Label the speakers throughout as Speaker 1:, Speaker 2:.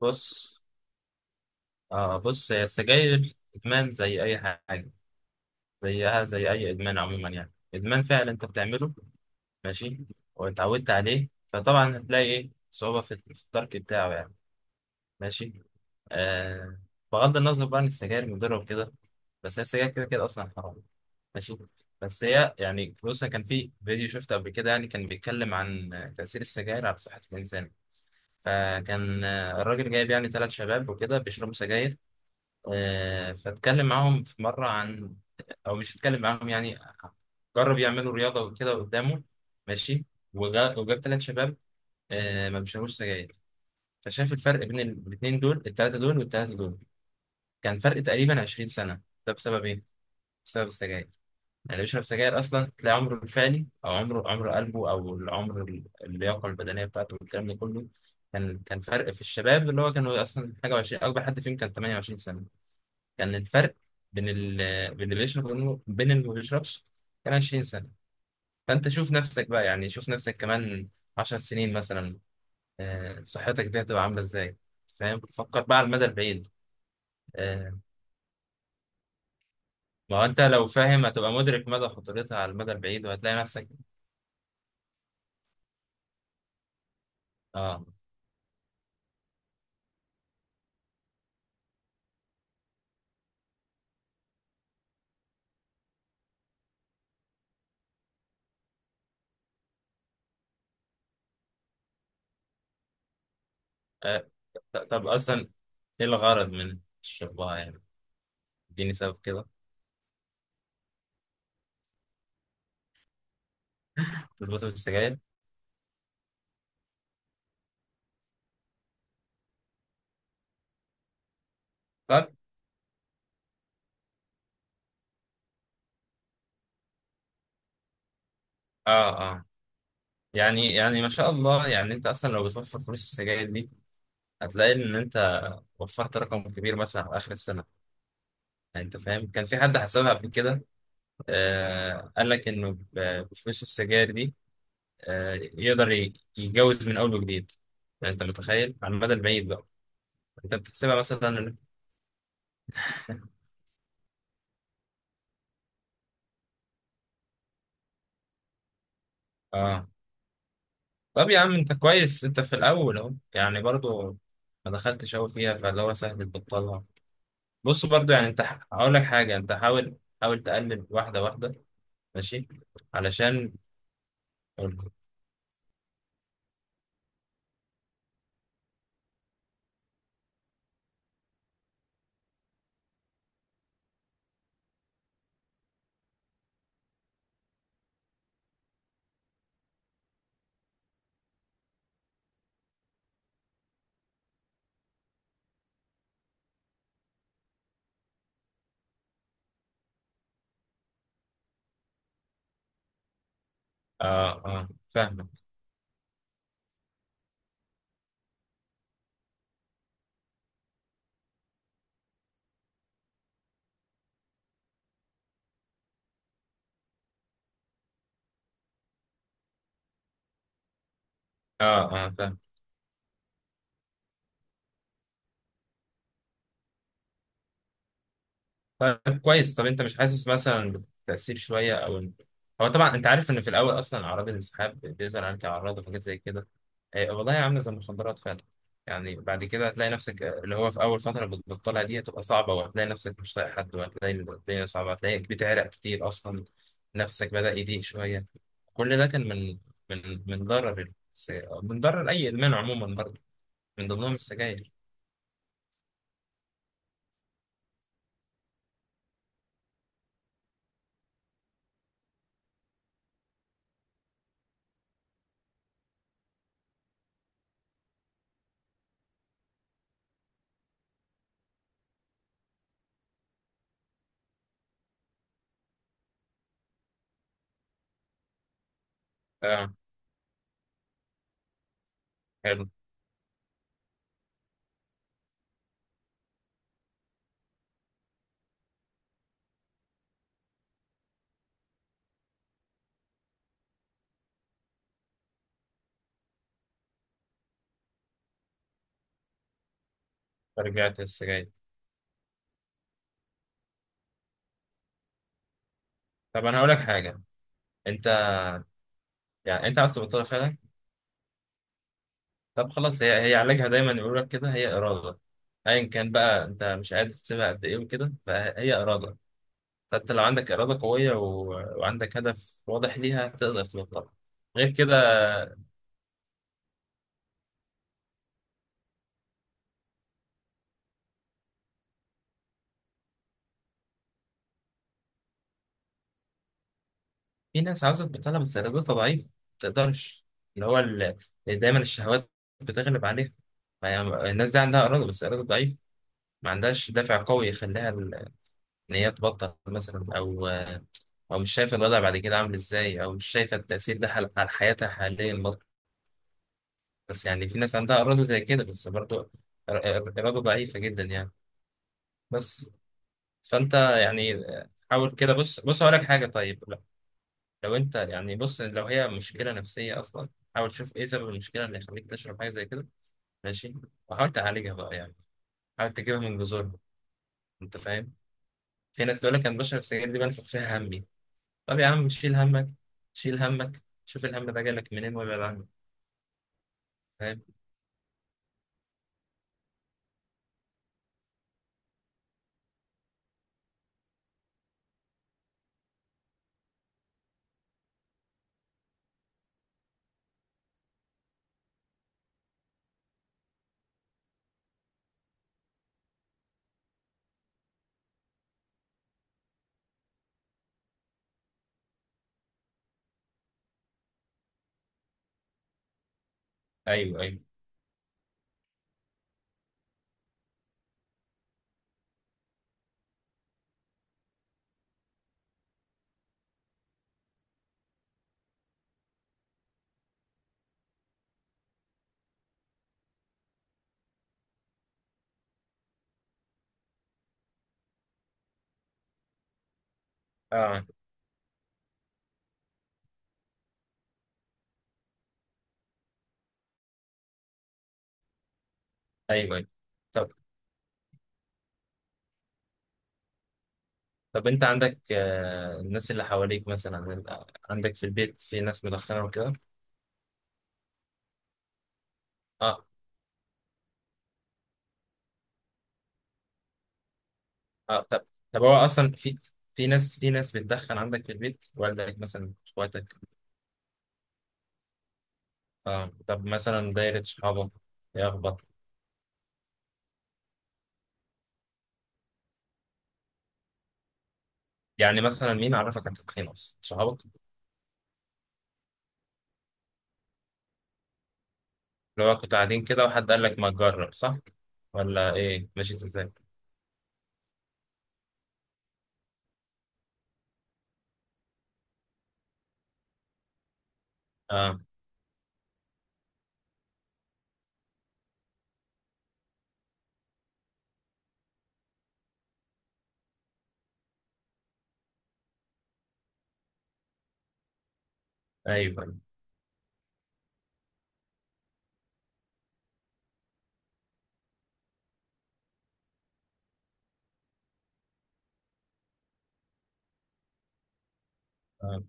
Speaker 1: بص آه بص، هي السجاير إدمان زي أي حاجة. زيها زي أي إدمان عموما، يعني إدمان فعلا أنت بتعمله. ماشي. واتعودت عليه، فطبعا هتلاقي إيه صعوبة في الترك بتاعه يعني. ماشي. آه. بغض النظر بقى عن السجاير مضرة وكده، بس هي السجاير كده كده أصلا حرام. ماشي. بس هي يعني بص، كان في فيديو شفته قبل كده يعني، كان بيتكلم عن تأثير السجاير على صحة الإنسان. فكان الراجل جايب يعني ثلاث شباب وكده بيشربوا سجاير. فاتكلم معاهم في مرة عن، أو مش اتكلم معاهم يعني، جرب يعملوا رياضة وكده قدامه. ماشي. وجاب ثلاث شباب ما بيشربوش سجاير. فشاف الفرق بين الاتنين دول، التلاتة دول والتلاتة دول، كان فرق تقريبا 20 سنة. ده بسبب إيه؟ بسبب السجاير. يعني اللي بيشرب سجاير أصلا تلاقي عمره الفعلي، أو عمره، عمر قلبه، أو العمر اللياقة البدنية بتاعته والكلام ده كله، كان فرق في الشباب اللي هو كانوا أصلا حاجة وعشرين، أكبر حد فيهم كان 28 سنة. كان الفرق بين ال... بين اللي بيشرب وبين اللي ما بيشربش كان 20 سنة. فأنت شوف نفسك بقى، يعني شوف نفسك كمان 10 سنين مثلا، صحتك دي هتبقى عاملة إزاي. فاهم؟ فكر بقى على المدى البعيد. آه، ما هو أنت لو فاهم هتبقى مدرك مدى خطورتها على المدى البعيد وهتلاقي نفسك. آه. آه. طب أصلا إيه الغرض من شربها يعني؟ اديني سبب كده. تظبط السجاير؟ طب. آه، آه. يعني ما شاء الله، يعني أنت أصلا لو بتوفر فلوس السجاير دي هتلاقي إن أنت وفرت رقم كبير مثلا على اخر السنه. يعني انت فاهم؟ كان في حد حسبها قبل كده، آه قال لك انه بفلوس السجاير دي آه يقدر يتجوز من اول وجديد. يعني انت متخيل على المدى البعيد بقى؟ انت بتحسبها مثلا؟ اه. طب يا عم انت كويس، انت في الاول اهو يعني، برضو ما دخلتش قوي فيها، فاللي هو سهل تبطلها. بص، برضو يعني انت هقول لك حاجه، انت حاول حاول تقلل واحده واحده. ماشي. علشان. اه اه، فاهمك. اه اه، فاهمك. طيب، كويس. طب انت مش حاسس مثلا بتأثير شوية، او ان. هو طبعا انت عارف ان في الاول اصلا اعراض الانسحاب بيظهر عليك، اعراض وحاجات زي كده. اه والله عاملة زي المخدرات فعلا. يعني بعد كده هتلاقي نفسك، اللي هو في اول فترة بتبطلها دي هتبقى صعبة، وهتلاقي نفسك مش طايق حد، وهتلاقي إن الدنيا صعبة، هتلاقيك بتعرق كتير اصلا. نفسك بدأ يضيق شوية. كل ده كان من من ضرر من ضرر اي ادمان عموما برضه، من ضمنهم السجاير. اه، حلو. رجعت السجاير؟ طب انا هقول لك حاجة. انت، يعني انت عاوز تبطلها فعلا؟ طب خلاص، هي علاجها دايما يقول لك كده، هي اراده. ايا كان بقى انت مش قادر تسيبها قد ايه وكده، فهي اراده. فانت لو عندك اراده قويه، و... وعندك هدف واضح ليها تقدر تبطلها. غير كده، في ناس عاوزه تبطلها بس ارادتها ضعيفه ما تقدرش، اللي هو ال. دايما الشهوات بتغلب عليها. ما هي- الناس دي عندها اراده بس اراده ضعيفه، ما عندهاش دافع قوي يخليها ان هي تبطل مثلا، او او مش شايفه الوضع بعد كده عامل ازاي، او مش شايفه التاثير ده على حياتها حاليا برضه. بس يعني في ناس عندها اراده زي كده، بس برضه إر- إر- اراده ضعيفه جدا يعني. بس. فانت يعني حاول كده. بص بص، اقول لك حاجه. طيب لا. لو انت يعني بص، لو هي مشكله نفسيه اصلا، حاول تشوف ايه سبب المشكله اللي يخليك تشرب حاجه زي كده. ماشي. وحاول تعالجها بقى يعني، حاول تجيبها من جذورها. انت فاهم؟ في ناس تقول لك انا بشرب السجاير دي بنفخ فيها همي. طب يا عم شيل همك. شيل همك، شوف الهم ده جالك منين وابعد عنه. فاهم؟ ايوه، ايوه. اه، ايوه، ايوه. طب طب انت عندك الناس اللي حواليك، مثلا عندك في البيت في ناس مدخنه وكده؟ اه، اه. طب هو اصلا في ناس بتدخن عندك في البيت؟ والدك مثلا، اخواتك؟ اه. طب مثلا دايره صحابك، ايه اخبار؟ يعني مثلا مين عرفك على التدخين اصلا؟ صحابك؟ اللي هو كنتوا قاعدين كده وحد قال لك ما تجرب، صح؟ ولا ايه، مشيت ازاي؟ اه، ايوه. آه.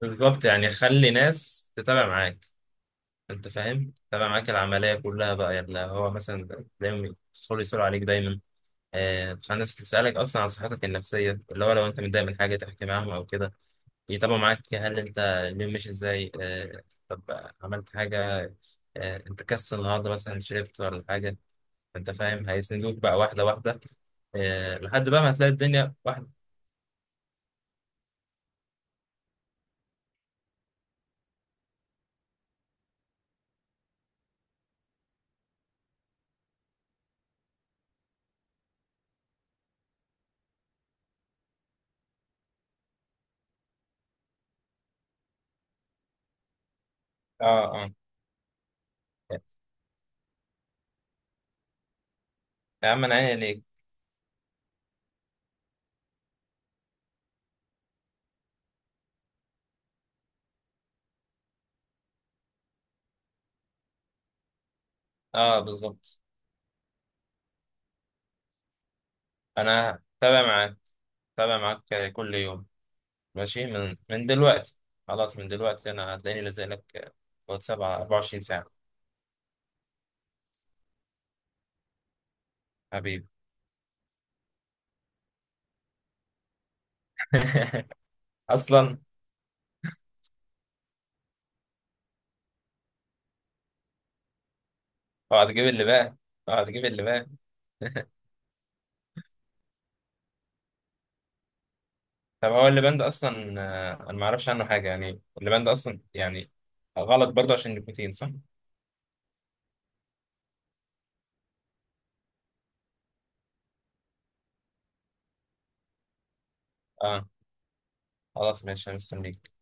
Speaker 1: بالظبط. يعني خلي ناس تتابع معاك. انت فاهم؟ تتابع معاك العمليه كلها بقى، يعني، لا، هو مثلا دايما يدخل يسألوا عليك دايما. ناس تسألك أصلا عن صحتك النفسية، اللي هو لو أنت متضايق من حاجة تحكي معاهم أو كده، يتابعوا معاك هل أنت اليوم ماشي إزاي. آه. طب عملت حاجة؟ أنت كسل النهاردة مثلا، شربت ولا حاجة؟ أنت فاهم؟ هيسندوك بقى واحدة واحدة، لحد بقى ما هتلاقي الدنيا واحدة. اه، اه. يا عم أنا عيني ليك. اه، بالظبط. أنا تابع معاك. تابع معاك كل يوم. ماشي. من دلوقتي، خلاص من دلوقتي انا هتلاقيني لازق لك، واتساب على 24 ساعة. حبيبي. اصلا. اوعى تجيب اللي بقى. اوعى تجيب اللي بقى. طب هو اللي بند اصلا، انا ما اعرفش عنه حاجة يعني. اللي بند اصلا يعني، غلط برضه عشان النيكوتين، صح؟ اه، خلاص ماشي انا مستنيك.